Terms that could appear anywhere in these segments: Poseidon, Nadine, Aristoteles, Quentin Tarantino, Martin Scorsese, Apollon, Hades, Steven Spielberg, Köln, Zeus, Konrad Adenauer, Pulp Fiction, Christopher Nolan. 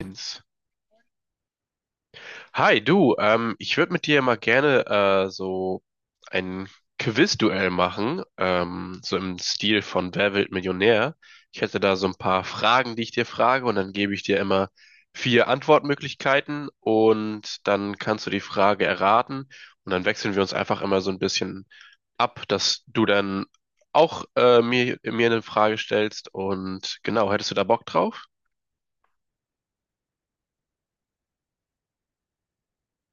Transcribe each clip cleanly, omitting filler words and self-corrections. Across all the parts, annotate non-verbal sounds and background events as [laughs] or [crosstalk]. Eins. Hi, du, ich würde mit dir mal gerne so ein Quizduell machen, so im Stil von Wer wird Millionär. Ich hätte da so ein paar Fragen, die ich dir frage, und dann gebe ich dir immer vier Antwortmöglichkeiten und dann kannst du die Frage erraten und dann wechseln wir uns einfach immer so ein bisschen ab, dass du dann auch mir eine Frage stellst und genau, hättest du da Bock drauf?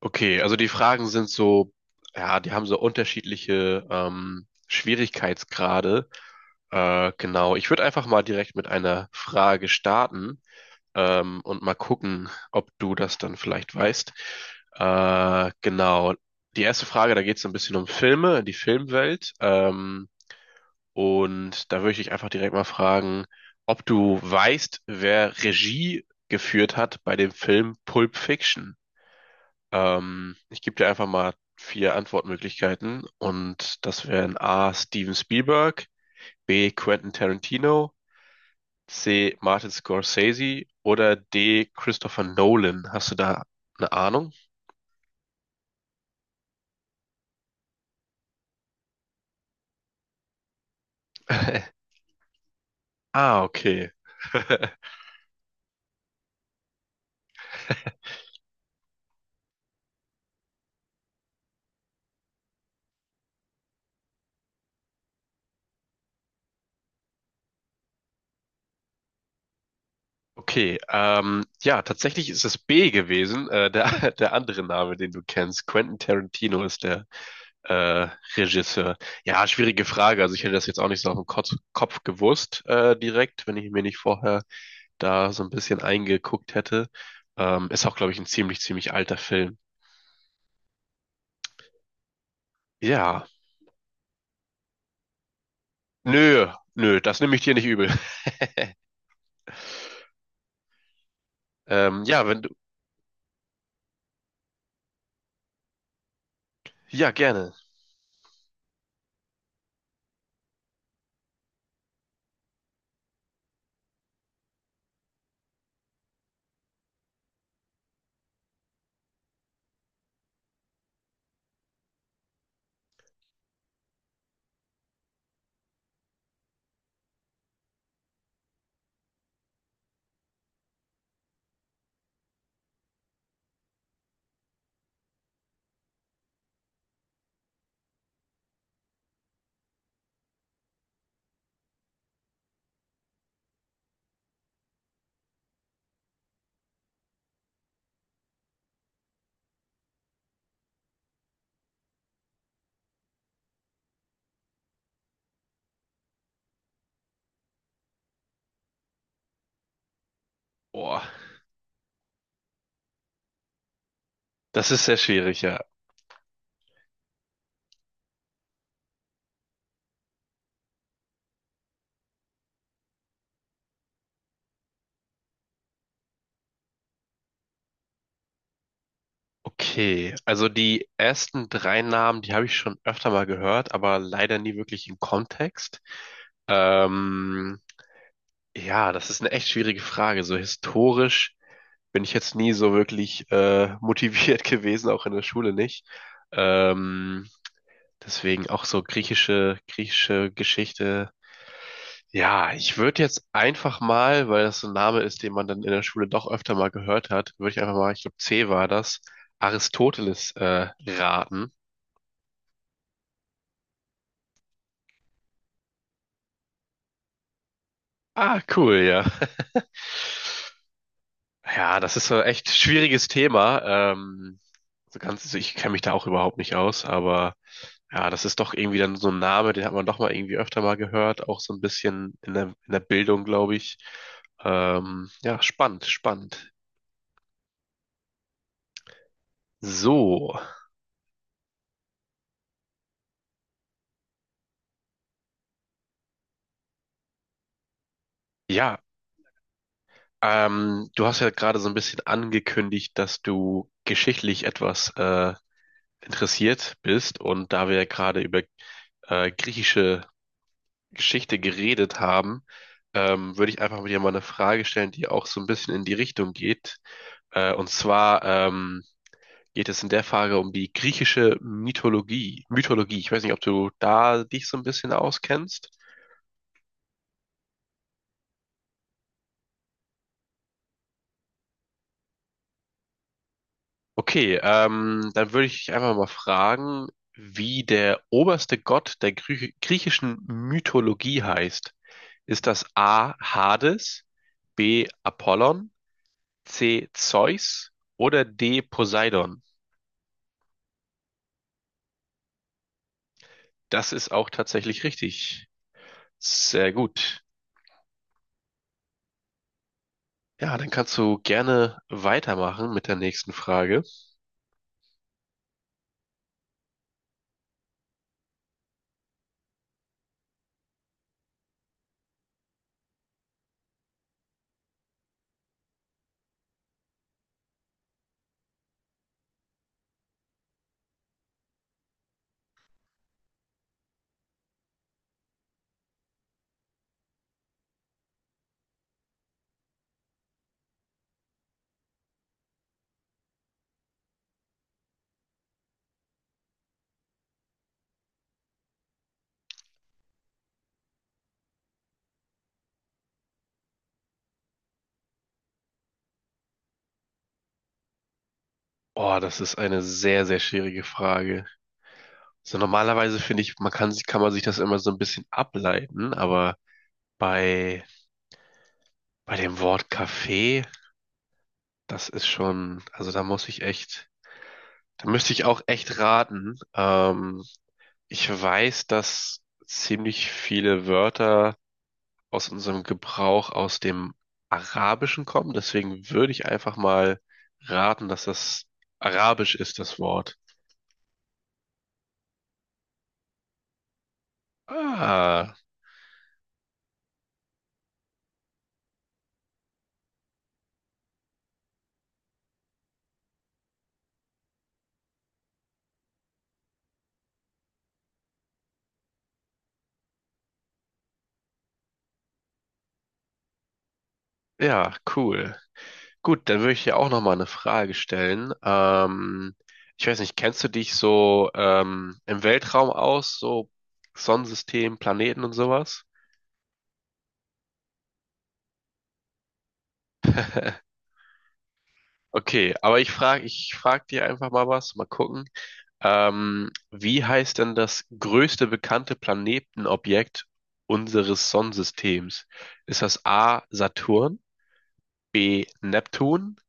Okay, also die Fragen sind so, ja, die haben so unterschiedliche Schwierigkeitsgrade. Genau, ich würde einfach mal direkt mit einer Frage starten, und mal gucken, ob du das dann vielleicht weißt. Genau, die erste Frage, da geht es so ein bisschen um Filme, die Filmwelt. Und da würde ich dich einfach direkt mal fragen, ob du weißt, wer Regie geführt hat bei dem Film Pulp Fiction. Ich gebe dir einfach mal vier Antwortmöglichkeiten und das wären A. Steven Spielberg, B. Quentin Tarantino, C. Martin Scorsese oder D. Christopher Nolan. Hast du da eine Ahnung? [laughs] Ah, okay. [laughs] Okay, ja, tatsächlich ist es B gewesen, der, [laughs] der andere Name, den du kennst. Quentin Tarantino ist der äh, Regisseur. Ja, schwierige Frage. Also ich hätte das jetzt auch nicht so auf den Kopf gewusst, direkt, wenn ich mir nicht vorher da so ein bisschen eingeguckt hätte. Ist auch, glaube ich, ein ziemlich, ziemlich alter Film. Ja, nö, nö, das nehme ich dir nicht übel. [laughs] Ja, wenn du, ja, gerne. Boah, das ist sehr schwierig, ja. Okay, also die ersten drei Namen, die habe ich schon öfter mal gehört, aber leider nie wirklich im Kontext. Ähm, ja, das ist eine echt schwierige Frage. So historisch bin ich jetzt nie so wirklich [laughs] motiviert gewesen, auch in der Schule nicht. Ähm, Deswegen auch so griechische, griechische Geschichte. Ja, ich würde jetzt einfach mal, weil das so ein Name ist, den man dann in der Schule doch öfter mal gehört hat, würde ich einfach mal, ich glaube C war das, Aristoteles raten. Ah, cool, ja. [laughs] Ja, das ist so ein echt schwieriges Thema. So ganz, also ich kenne mich da auch überhaupt nicht aus, aber ja, das ist doch irgendwie dann so ein Name, den hat man doch mal irgendwie öfter mal gehört, auch so ein bisschen in der Bildung, glaube ich. Ja, spannend, spannend. So, ja, du hast ja gerade so ein bisschen angekündigt, dass du geschichtlich etwas interessiert bist und da wir ja gerade über griechische Geschichte geredet haben, würde ich einfach mit dir mal eine Frage stellen, die auch so ein bisschen in die Richtung geht. Und zwar, geht es in der Frage um die griechische Mythologie. Mythologie, ich weiß nicht, ob du da dich so ein bisschen auskennst. Okay, dann würde ich dich einfach mal fragen, wie der oberste Gott der Grü griechischen Mythologie heißt. Ist das A. Hades, B. Apollon, C. Zeus oder D. Poseidon? Das ist auch tatsächlich richtig. Sehr gut. Ja, dann kannst du gerne weitermachen mit der nächsten Frage. Oh, das ist eine sehr, sehr schwierige Frage. So normalerweise finde ich, kann man sich das immer so ein bisschen ableiten, aber bei, bei dem Wort Kaffee, das ist schon, also da muss ich echt, da müsste ich auch echt raten. Ich weiß, dass ziemlich viele Wörter aus unserem Gebrauch aus dem Arabischen kommen, deswegen würde ich einfach mal raten, dass das Arabisch ist, das Wort. Ah, ja, cool. Gut, dann würde ich dir auch nochmal eine Frage stellen. Ich weiß nicht, kennst du dich so im Weltraum aus, so Sonnensystem, Planeten und sowas? [laughs] Okay, aber ich frag dir einfach mal was, mal gucken. Wie heißt denn das größte bekannte Planetenobjekt unseres Sonnensystems? Ist das A. Saturn, B. Neptun,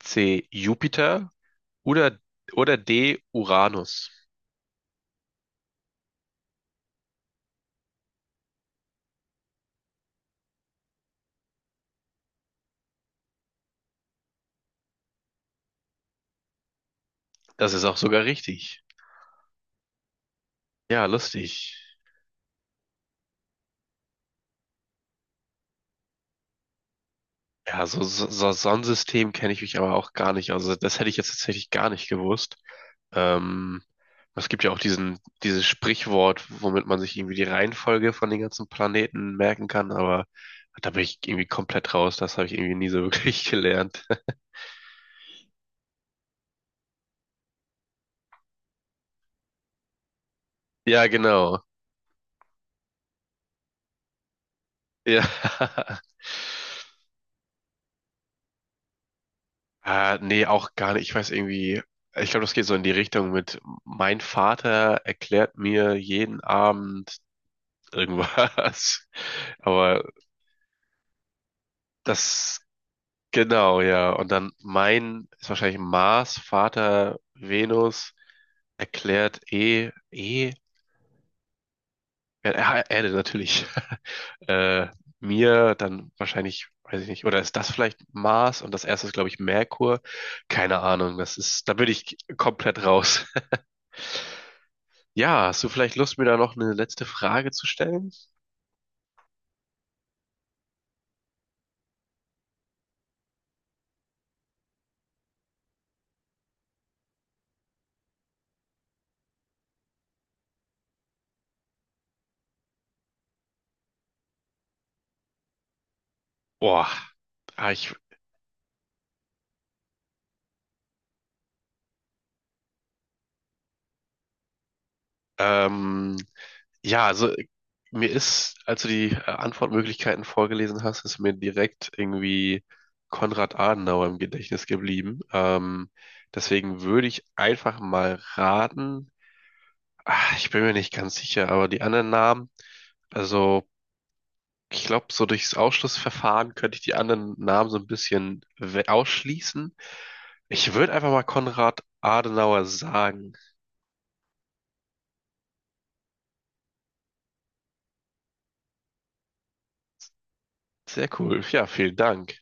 C. Jupiter oder, oder D. Uranus? Das ist auch sogar richtig. Ja, lustig. Ja, so, so, so Sonnensystem kenne ich mich aber auch gar nicht. Also das hätte ich jetzt tatsächlich gar nicht gewusst. Ähm, Es gibt ja auch dieses Sprichwort, womit man sich irgendwie die Reihenfolge von den ganzen Planeten merken kann, aber da bin ich irgendwie komplett raus. Das habe ich irgendwie nie so wirklich [laughs] gelernt. Ja, genau. Ja. [laughs] Nee, auch gar nicht. Ich weiß irgendwie, ich glaube, das geht so in die Richtung mit, mein Vater erklärt mir jeden Abend irgendwas. [laughs] Aber das, genau, ja. Und dann mein ist wahrscheinlich Mars, Vater, Venus, erklärt ja, Erde natürlich. [laughs] Äh, Mir dann wahrscheinlich, weiß ich nicht, oder ist das vielleicht Mars und das erste ist, glaube ich, Merkur? Keine Ahnung, das ist, da bin ich komplett raus. [laughs] Ja, hast du vielleicht Lust, mir da noch eine letzte Frage zu stellen? Boah, ah, ich, Ähm, ja, also mir ist, als du die Antwortmöglichkeiten vorgelesen hast, ist mir direkt irgendwie Konrad Adenauer im Gedächtnis geblieben. Deswegen würde ich einfach mal raten. Ah, ich bin mir nicht ganz sicher, aber die anderen Namen, also ich glaube, so durchs Ausschlussverfahren könnte ich die anderen Namen so ein bisschen ausschließen. Ich würde einfach mal Konrad Adenauer sagen. Sehr cool. Ja, vielen Dank.